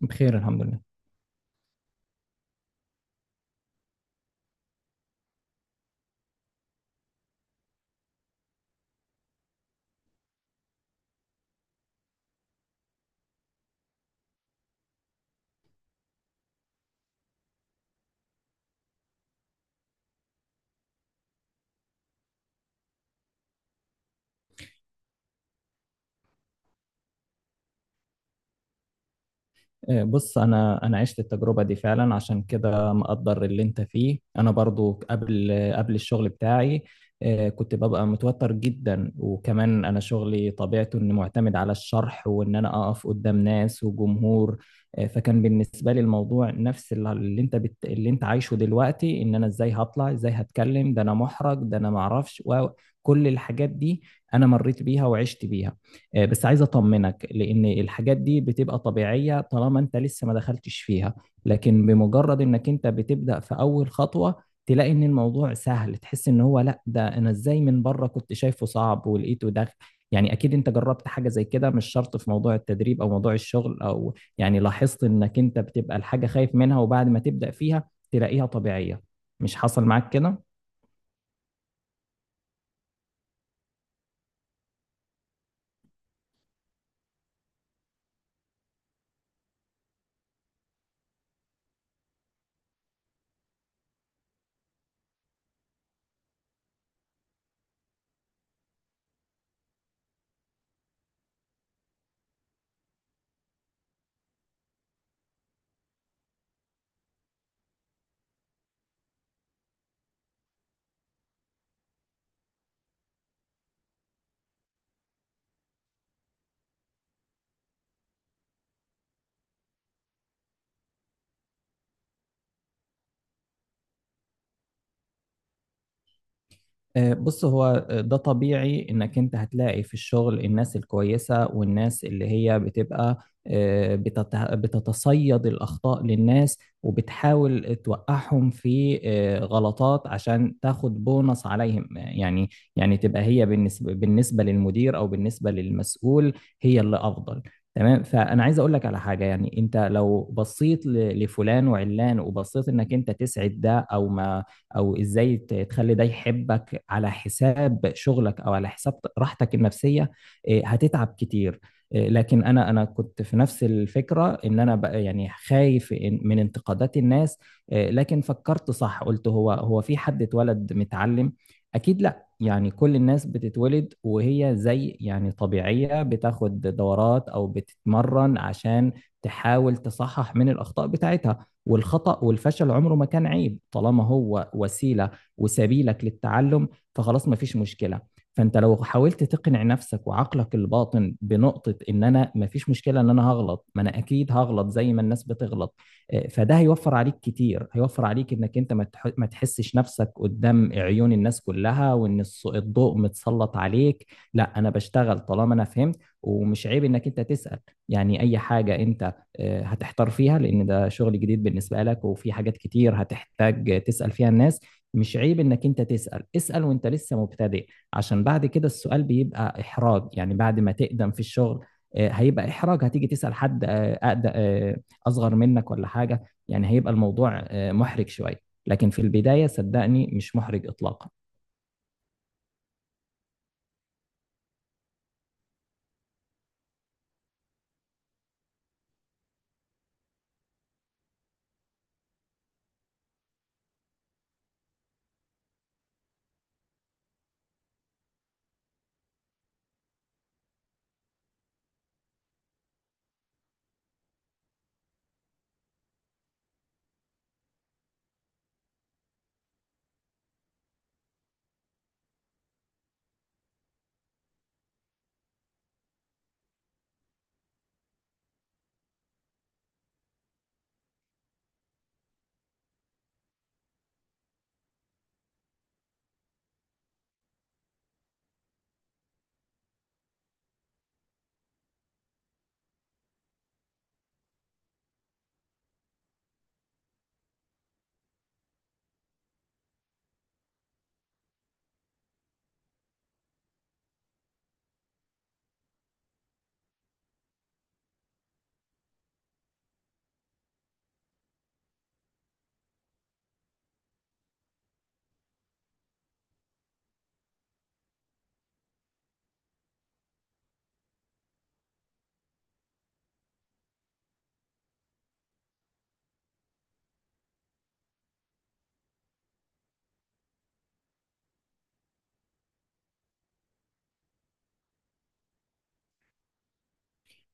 بخير، الحمد لله. بص، انا عشت التجربه دي فعلا، عشان كده مقدر اللي انت فيه. انا برضو قبل الشغل بتاعي كنت ببقى متوتر جدا، وكمان انا شغلي طبيعته انه معتمد على الشرح وان انا اقف قدام ناس وجمهور. فكان بالنسبه لي الموضوع نفس اللي اللي انت عايشه دلوقتي، ان انا ازاي هطلع ازاي هتكلم، ده انا محرج، ده انا معرفش كل الحاجات دي. انا مريت بيها وعشت بيها. بس عايز اطمنك، لان الحاجات دي بتبقى طبيعية طالما انت لسه ما دخلتش فيها. لكن بمجرد انك انت بتبدأ في اول خطوة، تلاقي ان الموضوع سهل، تحس ان هو لا، ده انا ازاي من بره كنت شايفه صعب ولقيته ده. يعني اكيد انت جربت حاجة زي كده، مش شرط في موضوع التدريب او موضوع الشغل، او يعني لاحظت انك انت بتبقى الحاجة خايف منها، وبعد ما تبدأ فيها تلاقيها طبيعية. مش حصل معاك كده؟ بص، هو ده طبيعي انك انت هتلاقي في الشغل الناس الكويسة، والناس اللي هي بتبقى بتتصيد الأخطاء للناس، وبتحاول توقعهم في غلطات عشان تاخد بونص عليهم، يعني. يعني تبقى هي بالنسبة للمدير أو بالنسبة للمسؤول هي اللي أفضل. تمام، فأنا عايز أقول لك على حاجة. يعني أنت لو بصيت لفلان وعلان، وبصيت إنك أنت تسعد ده أو ما او ازاي تخلي ده يحبك على حساب شغلك او على حساب راحتك النفسية، هتتعب كتير. لكن انا كنت في نفس الفكرة، ان انا بقى يعني خايف من انتقادات الناس. لكن فكرت صح، قلت هو في حد اتولد متعلم؟ اكيد لا. يعني كل الناس بتتولد وهي زي يعني طبيعية، بتاخد دورات او بتتمرن عشان تحاول تصحح من الاخطاء بتاعتها. والخطأ والفشل عمره ما كان عيب طالما هو وسيلة وسبيلك للتعلم. فخلاص، ما فيش مشكلة. فانت لو حاولت تقنع نفسك وعقلك الباطن بنقطة ان انا ما فيش مشكلة ان انا هغلط، ما انا اكيد هغلط زي ما الناس بتغلط. فده هيوفر عليك كتير، هيوفر عليك انك انت ما تحسش نفسك قدام عيون الناس كلها، وان الضوء متسلط عليك. لا، انا بشتغل طالما انا فهمت. ومش عيب انك انت تسأل، يعني اي حاجة انت هتحتار فيها، لان ده شغل جديد بالنسبه لك، وفي حاجات كتير هتحتاج تسال فيها الناس. مش عيب انك انت تسال. اسال وانت لسه مبتدئ، عشان بعد كده السؤال بيبقى احراج. يعني بعد ما تقدم في الشغل هيبقى احراج، هتيجي تسال حد اصغر منك ولا حاجه، يعني هيبقى الموضوع محرج شويه. لكن في البدايه صدقني مش محرج اطلاقا.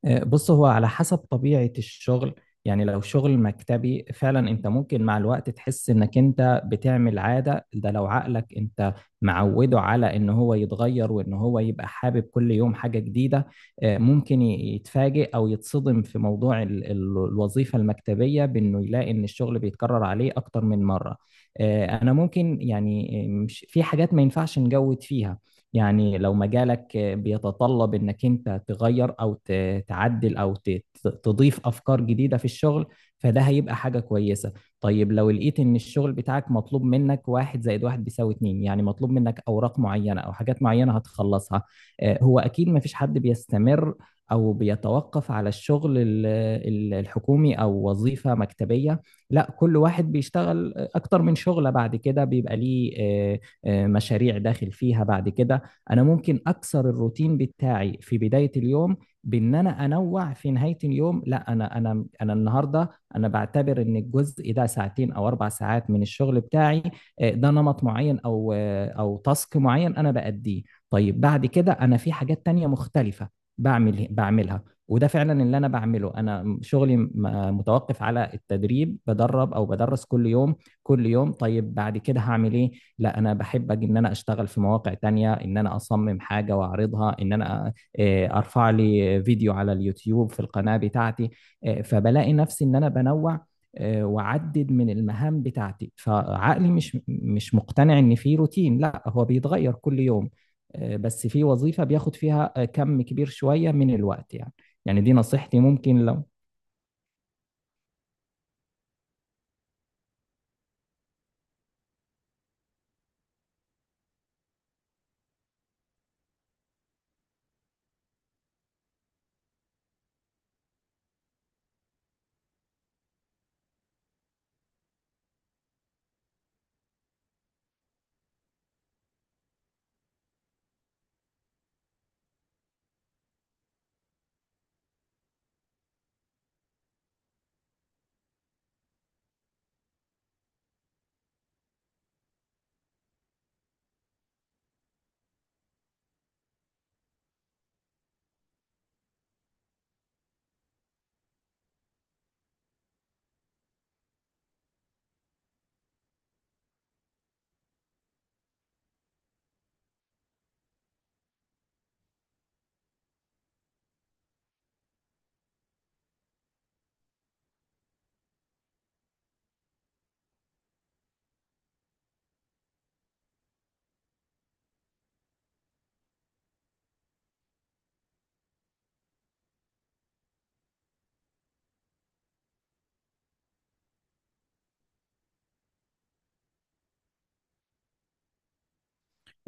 بص، هو على حسب طبيعة الشغل. يعني لو شغل مكتبي فعلا انت ممكن مع الوقت تحس انك انت بتعمل عادة. ده لو عقلك انت معوده على ان هو يتغير وان هو يبقى حابب كل يوم حاجة جديدة، ممكن يتفاجئ او يتصدم في موضوع الوظيفة المكتبية، بانه يلاقي ان الشغل بيتكرر عليه اكتر من مرة. انا ممكن يعني، مش في حاجات ما ينفعش نجود فيها. يعني لو مجالك بيتطلب انك انت تغير او تعدل او تضيف افكار جديدة في الشغل، فده هيبقى حاجة كويسة. طيب لو لقيت ان الشغل بتاعك مطلوب منك واحد زائد واحد بيساوي اتنين، يعني مطلوب منك اوراق معينة او حاجات معينة هتخلصها، هو اكيد مفيش حد بيستمر او بيتوقف على الشغل الحكومي او وظيفة مكتبية. لا، كل واحد بيشتغل اكتر من شغلة، بعد كده بيبقى ليه مشاريع داخل فيها. بعد كده انا ممكن اكسر الروتين بتاعي في بدايه اليوم، بان انا انوع في نهايه اليوم. لا انا انا النهارده انا بعتبر ان الجزء ده ساعتين او 4 ساعات من الشغل بتاعي، ده نمط معين او او تاسك معين انا بأديه. طيب بعد كده انا في حاجات تانية مختلفه بعملها، وده فعلا اللي انا بعمله. انا شغلي متوقف على التدريب، بدرب او بدرس كل يوم كل يوم. طيب بعد كده هعمل ايه؟ لا، انا بحب أجي ان انا اشتغل في مواقع تانية، ان انا اصمم حاجة واعرضها، ان انا ارفع لي فيديو على اليوتيوب في القناة بتاعتي. فبلاقي نفسي ان انا بنوع واعدد من المهام بتاعتي. فعقلي مش مقتنع ان في روتين، لا، هو بيتغير كل يوم. بس في وظيفة بياخد فيها كم كبير شوية من الوقت، يعني. يعني دي نصيحتي، ممكن لو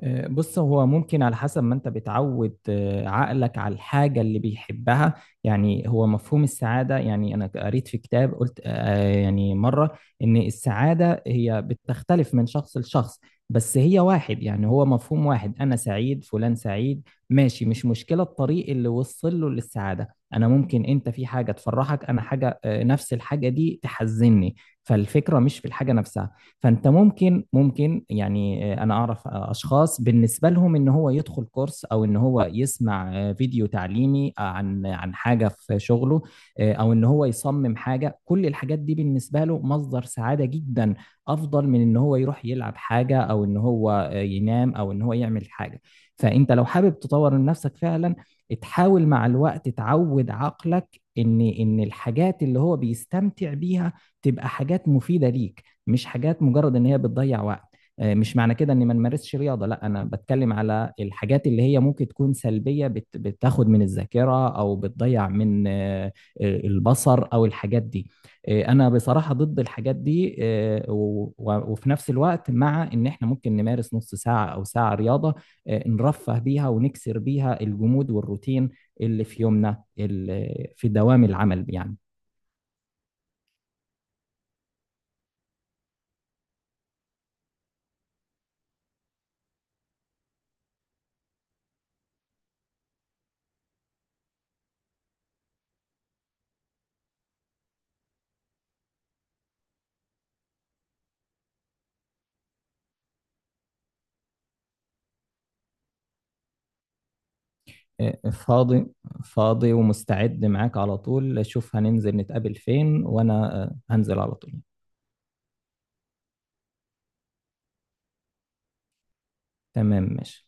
بص، هو ممكن على حسب ما انت بتعود عقلك على الحاجة اللي بيحبها. يعني هو مفهوم السعادة، يعني انا قريت في كتاب قلت يعني مرة، ان السعادة هي بتختلف من شخص لشخص، بس هي واحد، يعني هو مفهوم واحد. انا سعيد، فلان سعيد، ماشي، مش مشكلة. الطريق اللي وصل له للسعادة انا ممكن، انت في حاجة تفرحك، انا حاجة نفس الحاجة دي تحزني. فالفكرة مش في الحاجة نفسها. فانت ممكن يعني انا اعرف اشخاص بالنسبه لهم ان هو يدخل كورس، او ان هو يسمع فيديو تعليمي عن حاجه في شغله، او ان هو يصمم حاجه. كل الحاجات دي بالنسبه له مصدر سعاده جدا، افضل من ان هو يروح يلعب حاجه، او ان هو ينام، او ان هو يعمل حاجه. فانت لو حابب تطور من نفسك فعلا، تحاول مع الوقت تعود عقلك ان الحاجات اللي هو بيستمتع بيها تبقى حاجات مفيده ليك، مش حاجات مجرد ان هي بتضيع وقت. مش معنى كده اني ما نمارسش رياضه، لا، انا بتكلم على الحاجات اللي هي ممكن تكون سلبيه بتاخد من الذاكره او بتضيع من البصر او الحاجات دي. انا بصراحه ضد الحاجات دي. وفي نفس الوقت مع ان احنا ممكن نمارس نص ساعه او ساعه رياضه، نرفه بيها ونكسر بيها الجمود والروتين اللي في يومنا في دوام العمل، يعني. فاضي. فاضي ومستعد معاك على طول. شوف هننزل نتقابل فين، وانا هنزل على طول. تمام، ماشي.